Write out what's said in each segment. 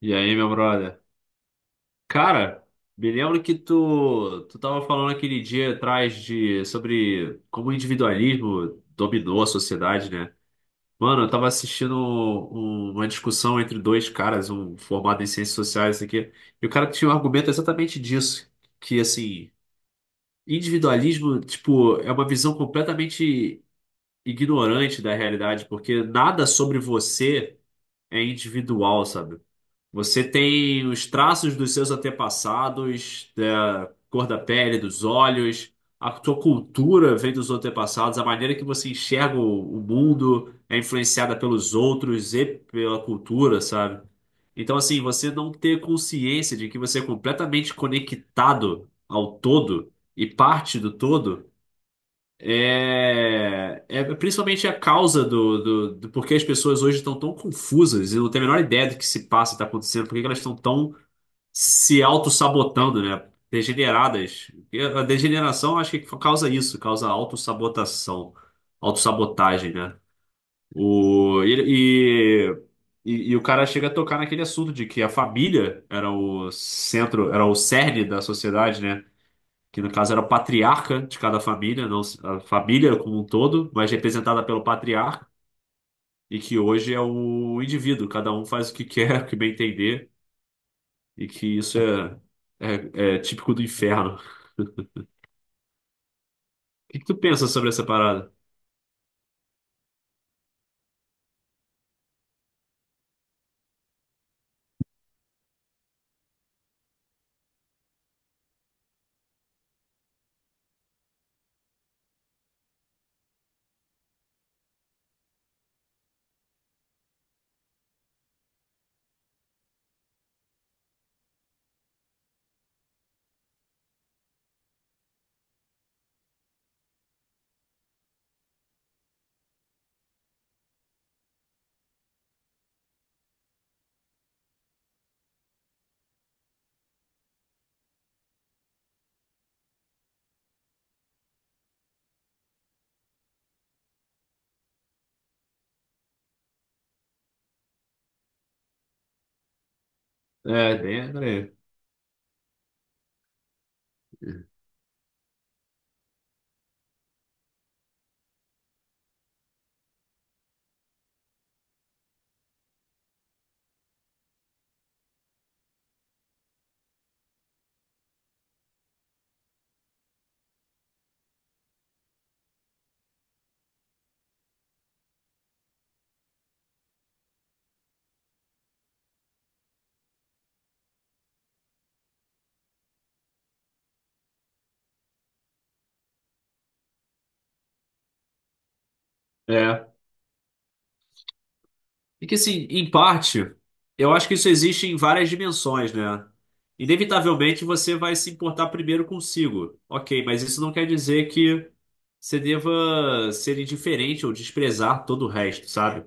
E aí, meu brother? Cara, me lembro que tu tava falando aquele dia atrás sobre como o individualismo dominou a sociedade, né? Mano, eu tava assistindo uma discussão entre dois caras, um formado em ciências sociais, isso aqui, e o cara tinha um argumento exatamente disso, que, assim, individualismo, tipo, é uma visão completamente ignorante da realidade, porque nada sobre você é individual, sabe? Você tem os traços dos seus antepassados, da cor da pele, dos olhos, a sua cultura vem dos antepassados, a maneira que você enxerga o mundo é influenciada pelos outros e pela cultura, sabe? Então, assim, você não ter consciência de que você é completamente conectado ao todo e parte do todo é principalmente a causa do porquê as pessoas hoje estão tão confusas e não têm a menor ideia do que se passa e está acontecendo, porque elas estão tão se autossabotando, né? Degeneradas. E a degeneração acho que causa isso, causa autossabotação, autossabotagem, né? O, e o cara chega a tocar naquele assunto de que a família era o centro, era o cerne da sociedade, né? Que no caso era o patriarca de cada família, não a família como um todo, mas representada pelo patriarca, e que hoje é o indivíduo, cada um faz o que quer, o que bem entender. E que isso é típico do inferno. O que que tu pensa sobre essa parada? É, bem, peraí. É. E que, assim, em parte, eu acho que isso existe em várias dimensões, né? Inevitavelmente você vai se importar primeiro consigo. Ok, mas isso não quer dizer que você deva ser indiferente ou desprezar todo o resto, sabe?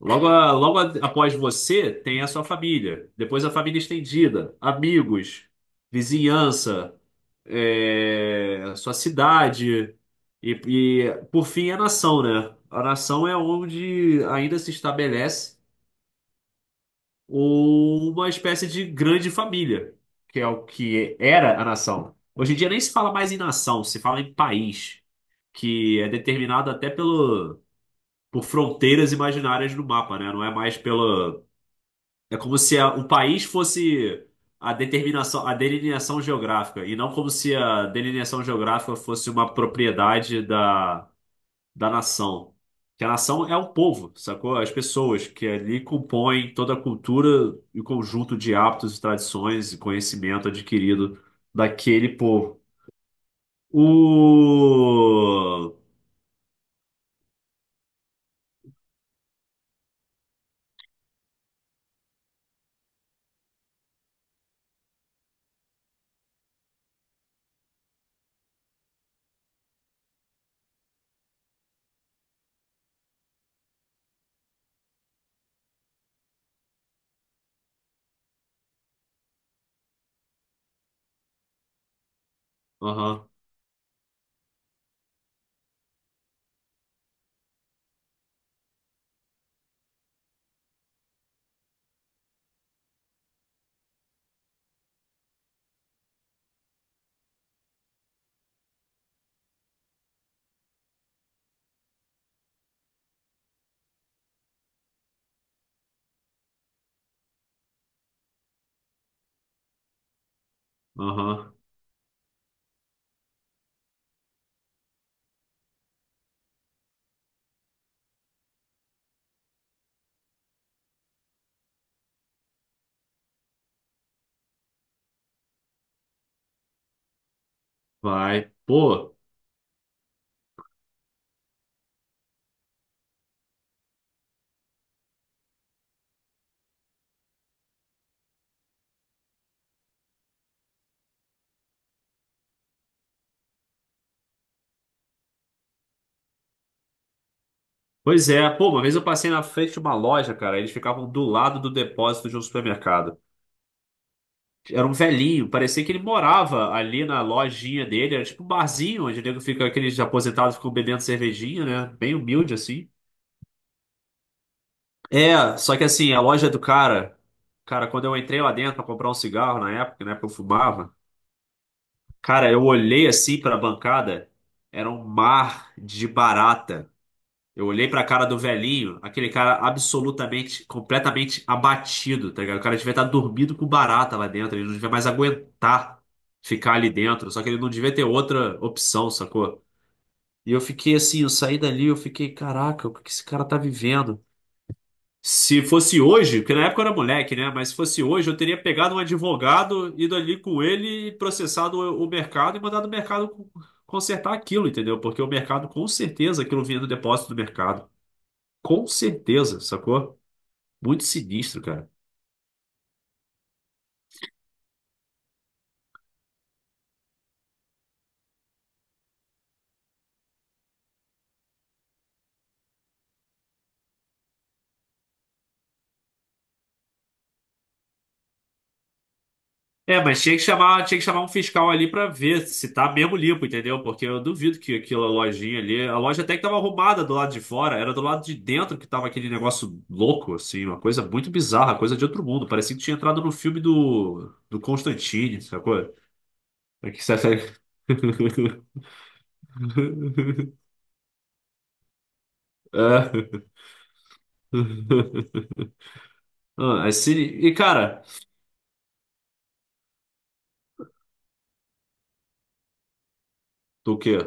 Logo, após você, tem a sua família. Depois a família estendida, amigos, vizinhança, sua cidade. E por fim, a nação, né? A nação é onde ainda se estabelece uma espécie de grande família, que é o que era a nação. Hoje em dia nem se fala mais em nação, se fala em país, que é determinado até por fronteiras imaginárias no mapa, né? Não é mais pelo. É como se o país fosse a determinação, a delineação geográfica, e não como se a delineação geográfica fosse uma propriedade da nação. Que a nação é o povo, sacou? As pessoas que ali compõem toda a cultura e o conjunto de hábitos e tradições e conhecimento adquirido daquele povo. O... Aham, aham, vai. Pô. Pois é, pô, uma vez eu passei na frente de uma loja, cara, eles ficavam do lado do depósito de um supermercado. Era um velhinho, parecia que ele morava ali na lojinha dele, era tipo um barzinho onde o nego fica, aqueles aposentados ficam bebendo cervejinha, né? Bem humilde assim. É, só que assim, a loja do cara, cara, quando eu entrei lá dentro pra comprar um cigarro na época, né, que eu fumava, cara, eu olhei assim pra bancada, era um mar de barata. Eu olhei pra cara do velhinho, aquele cara absolutamente, completamente abatido, tá ligado? O cara devia estar dormindo com barata lá dentro, ele não devia mais aguentar ficar ali dentro, só que ele não devia ter outra opção, sacou? E eu fiquei assim, eu saí dali, eu fiquei, caraca, o que que esse cara tá vivendo? Se fosse hoje, porque na época eu era moleque, né? Mas se fosse hoje, eu teria pegado um advogado, ido ali com ele, e processado o mercado e mandado o mercado consertar aquilo, entendeu? Porque o mercado, com certeza, aquilo vinha do depósito do mercado. Com certeza, sacou? Muito sinistro, cara. É, mas tinha que chamar um fiscal ali pra ver se tá mesmo limpo, entendeu? Porque eu duvido que aquela lojinha ali, a loja até que tava arrumada do lado de fora, era do lado de dentro que tava aquele negócio louco, assim, uma coisa muito bizarra, coisa de outro mundo. Parecia que tinha entrado no filme do Constantine, sacou? É que você- É. Ah, é sini- E, cara, do quê?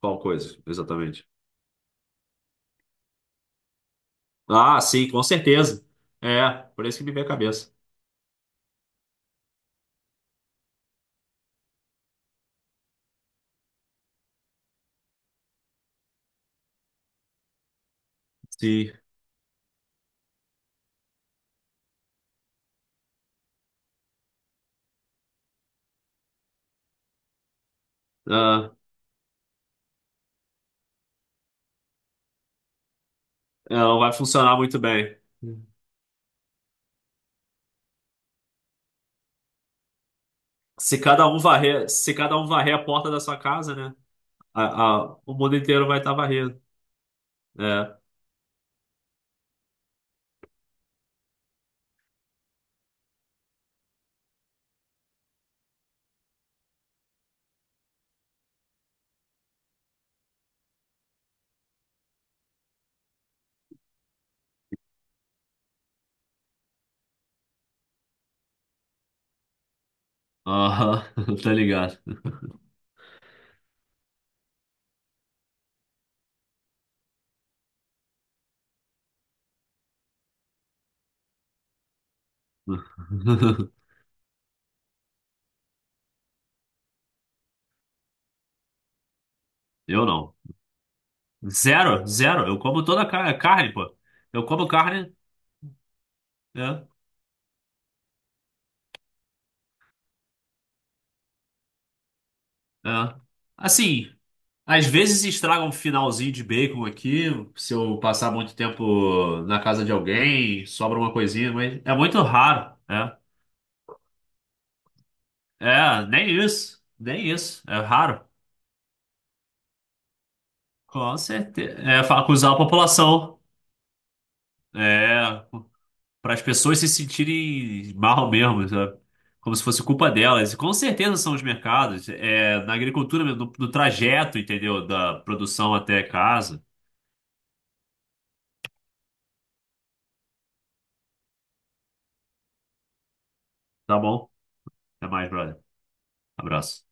Qual coisa, exatamente? Ah, sim, com certeza. É, por isso que me veio a cabeça. Sim. Ah, é, não vai funcionar muito bem. Se cada um varrer, se cada um varrer a porta da sua casa, né? a- o mundo inteiro vai estar varrendo. É. Aham, tá ligado. Eu não. Zero, zero. Eu como toda a carne, pô. Eu como carne, é, é. Assim, às vezes estraga um finalzinho de bacon aqui, se eu passar muito tempo na casa de alguém, sobra uma coisinha, mas é muito raro, é. É, nem isso, nem isso, é raro. Com certeza. Acusar a população, é, para as pessoas se sentirem mal mesmo, sabe? Como se fosse culpa delas. E com certeza são os mercados, é, na agricultura mesmo, no trajeto, entendeu? Da produção até casa. Tá bom? Até mais, brother. Abraço.